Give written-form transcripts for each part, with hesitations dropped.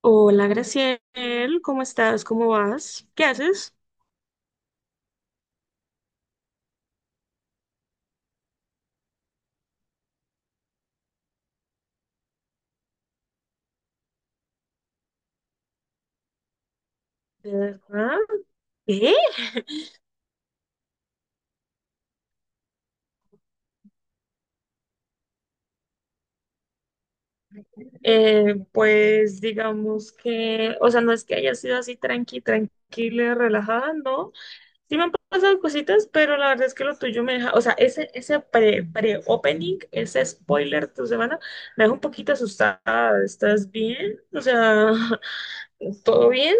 Hola, Graciel, ¿cómo estás? ¿Cómo vas? ¿Qué haces? ¿De verdad? ¿Qué? Pues digamos que, o sea, no es que haya sido así tranquila, relajada, no. Sí me han pasado cositas, pero la verdad es que lo tuyo me deja, o sea, ese pre-opening, ese spoiler de tu semana, me deja un poquito asustada. ¿Estás bien? O sea, ¿todo bien?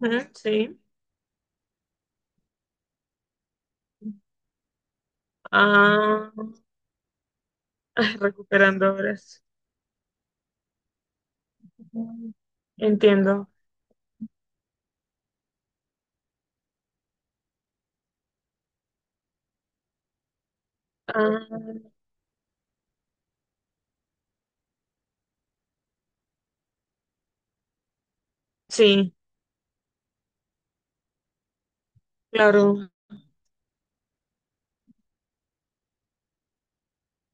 Ujú, sí. Ah, ay, recuperando horas. Ujú. Entiendo. Ah, sí, claro.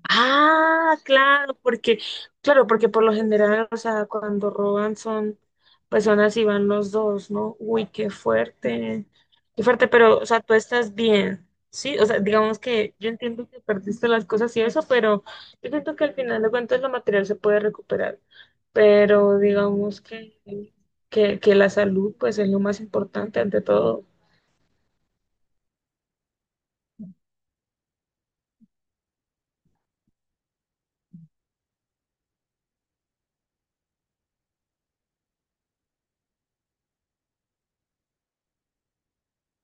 Ah, claro, claro, porque por lo general, o sea, cuando roban son personas y van los dos, ¿no? Uy, qué fuerte, pero, o sea, tú estás bien, ¿sí? O sea, digamos que yo entiendo que perdiste las cosas y eso, pero yo siento que al final de cuentas lo material se puede recuperar, pero digamos que la salud, pues, es lo más importante ante todo.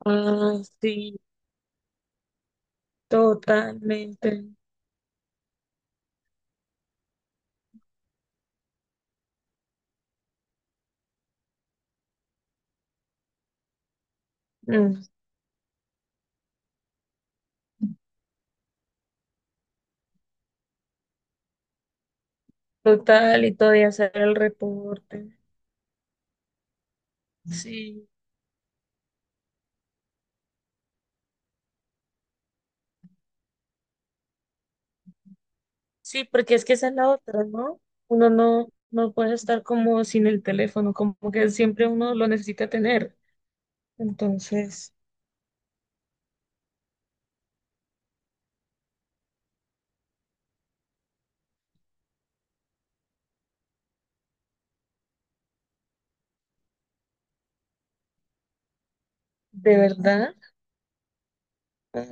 Ah, sí, totalmente. Mm. Total, y todavía hacer el reporte. Sí, sí, porque es que esa es la otra, ¿no? Uno no puede estar como sin el teléfono, como que siempre uno lo necesita tener. Entonces, ¿de verdad? Ah,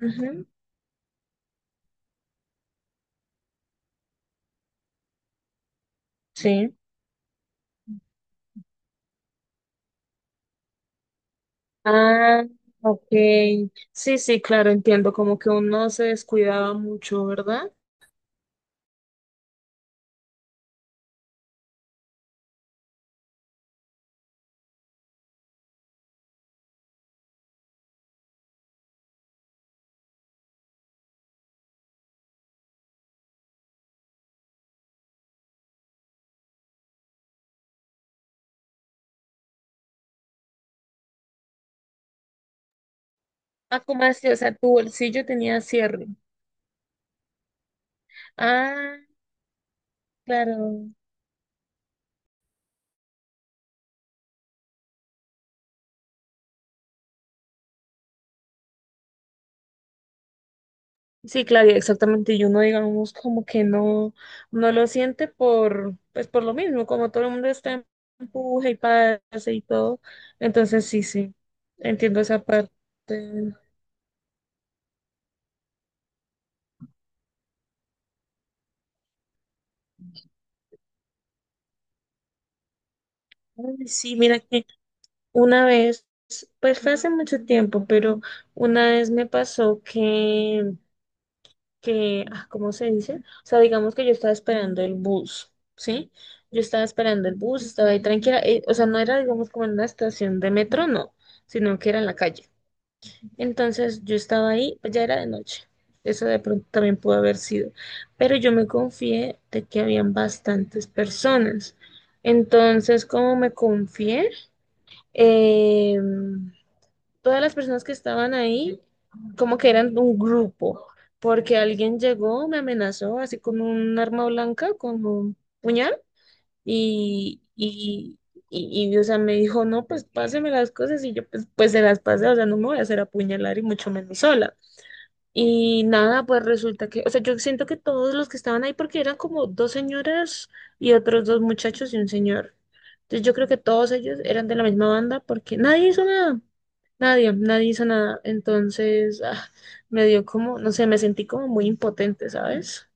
ujú, sí. Ah, ok. Sí, sí, claro, entiendo, como que uno se descuidaba mucho, ¿verdad? Ah, ¿cómo así? O sea, tu bolsillo tenía cierre. Ah, claro. Sí, claro, y exactamente. Y uno, digamos, como que no lo siente por, pues por lo mismo, como todo el mundo está en empuje y pase y todo. Entonces, sí, sí, entiendo esa parte. Ay, sí, mira que una vez, pues fue hace mucho tiempo, pero una vez me pasó que, ah, ¿cómo se dice? O sea, digamos que yo estaba esperando el bus, ¿sí? Yo estaba esperando el bus, estaba ahí tranquila, o sea, no era, digamos, como en una estación de metro, no, sino que era en la calle. Entonces yo estaba ahí, pues ya era de noche, eso de pronto también pudo haber sido, pero yo me confié de que habían bastantes personas. Entonces, ¿cómo me confié? Em, Todas las personas que estaban ahí como que eran un grupo, porque alguien llegó, me amenazó así con un arma blanca, con un puñal, y, y, y, o sea, me dijo, no, pues páseme las cosas, y yo pues se las pasé, o sea, no me voy a hacer apuñalar y mucho menos sola. Y nada, pues resulta que, o sea, yo siento que todos los que estaban ahí, porque eran como dos señoras y otros dos muchachos y un señor. Entonces yo creo que todos ellos eran de la misma banda porque nadie hizo nada, nadie, nadie hizo nada. Entonces me dio como, no sé, me sentí como muy impotente, ¿sabes?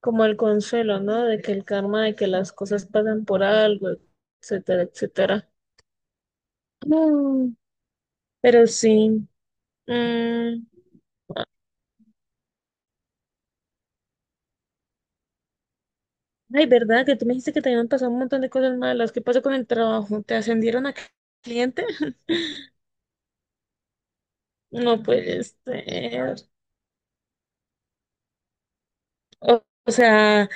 Como el consuelo, ¿no? De que el karma, de que las cosas pasan por algo, etcétera, etcétera. Mm. Pero sí. Mm. Ay, ¿verdad? Que tú me dijiste que te habían pasado un montón de cosas malas. ¿Qué pasó con el trabajo? ¿Te ascendieron a cliente? No puede ser. O sea,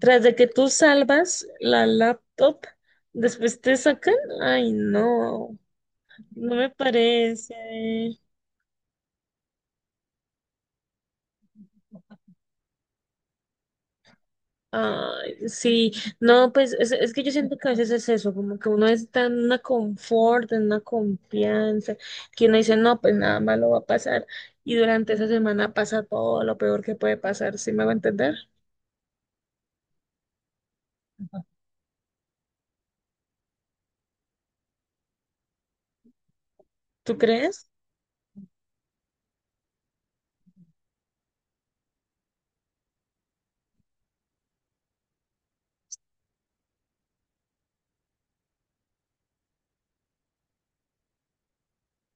tras de que tú salvas la laptop, después te sacan. Ay, no, no me parece. Ay, sí, no, pues es que yo siento que a veces es eso, como que uno está en una confort, en una confianza, que uno dice, no, pues nada malo va a pasar, y durante esa semana pasa todo lo peor que puede pasar, ¿sí me va a entender? ¿Tú crees?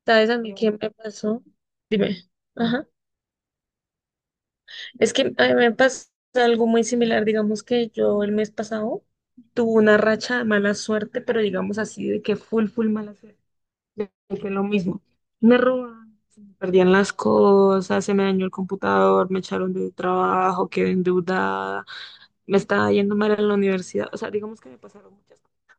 ¿Sabes a mí qué me pasó? Dime. Ajá. Es que a mí me pasó algo muy similar, digamos que yo el mes pasado tuve una racha de mala suerte, pero digamos así, de que full, full mala suerte. De que lo mismo. Me robaron, se me perdían las cosas, se me dañó el computador, me echaron de trabajo, quedé endeudada, me estaba yendo mal en la universidad. O sea, digamos que me pasaron muchas cosas.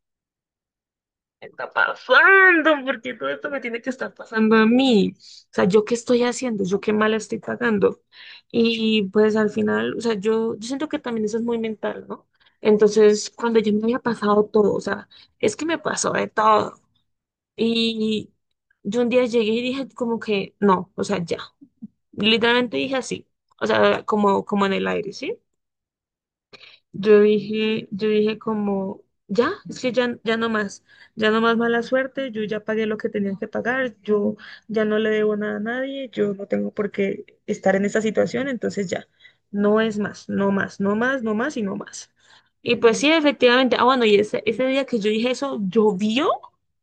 Me está pasando, porque todo esto me tiene que estar pasando a mí. O sea, ¿yo qué estoy haciendo? ¿Yo qué mal estoy pagando? Y pues al final, o sea, yo siento que también eso es muy mental, ¿no? Entonces, cuando yo me había pasado todo, o sea, es que me pasó de todo. Y yo un día llegué y dije como que no, o sea, ya. Literalmente dije así, o sea, como en el aire, ¿sí? Yo dije como, ya, es que ya, ya no más mala suerte, yo ya pagué lo que tenía que pagar, yo ya no le debo nada a nadie, yo no tengo por qué estar en esta situación, entonces ya, no es más, no más, no más, no más y no más. Y pues sí, efectivamente, bueno, y ese día que yo dije eso, llovió,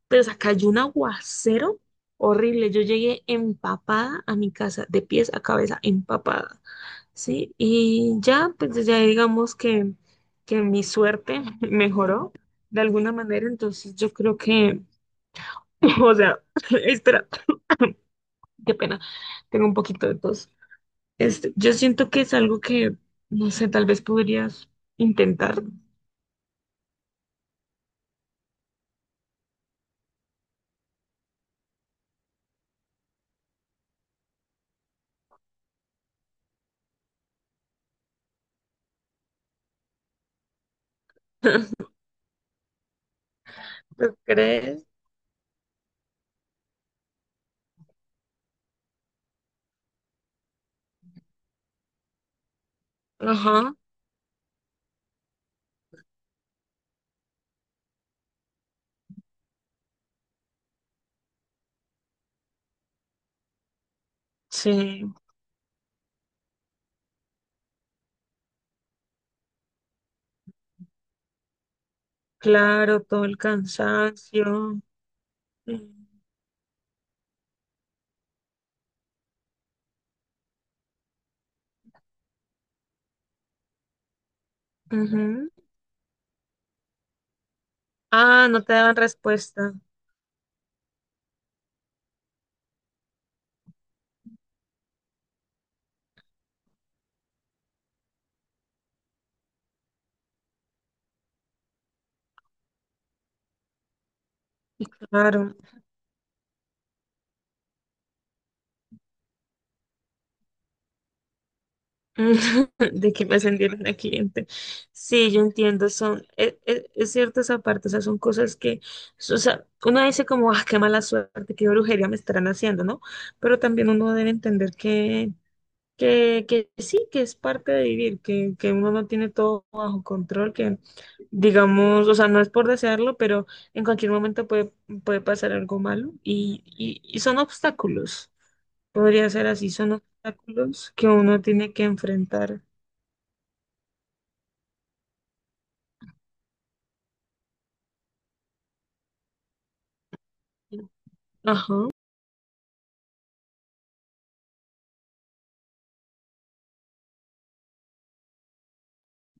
pero o sea, cayó un aguacero horrible, yo llegué empapada a mi casa, de pies a cabeza, empapada. Sí, y ya, pues ya digamos que mi suerte mejoró de alguna manera, entonces yo creo que, o sea, espera, qué pena, tengo un poquito de tos. Yo siento que es algo que, no sé, tal vez podrías intentar. ¿Lo crees? Ajá, sí, claro, todo el cansancio. Mm, ujú. Ah, no te daban respuesta. Claro. De que me ascendieron a cliente. Sí, yo entiendo, es cierto esa parte, o sea, son cosas que, o sea, uno dice como, qué mala suerte, qué brujería me estarán haciendo, ¿no? Pero también uno debe entender que, sí, que es parte de vivir, que uno no tiene todo bajo control, que digamos, o sea, no es por desearlo, pero en cualquier momento puede pasar algo malo y son obstáculos, podría ser así, son obstáculos que uno tiene que enfrentar. Ajá,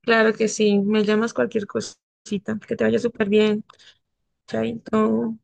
claro que sí. Me llamas cualquier cosita. Que te vaya súper bien. Chaito.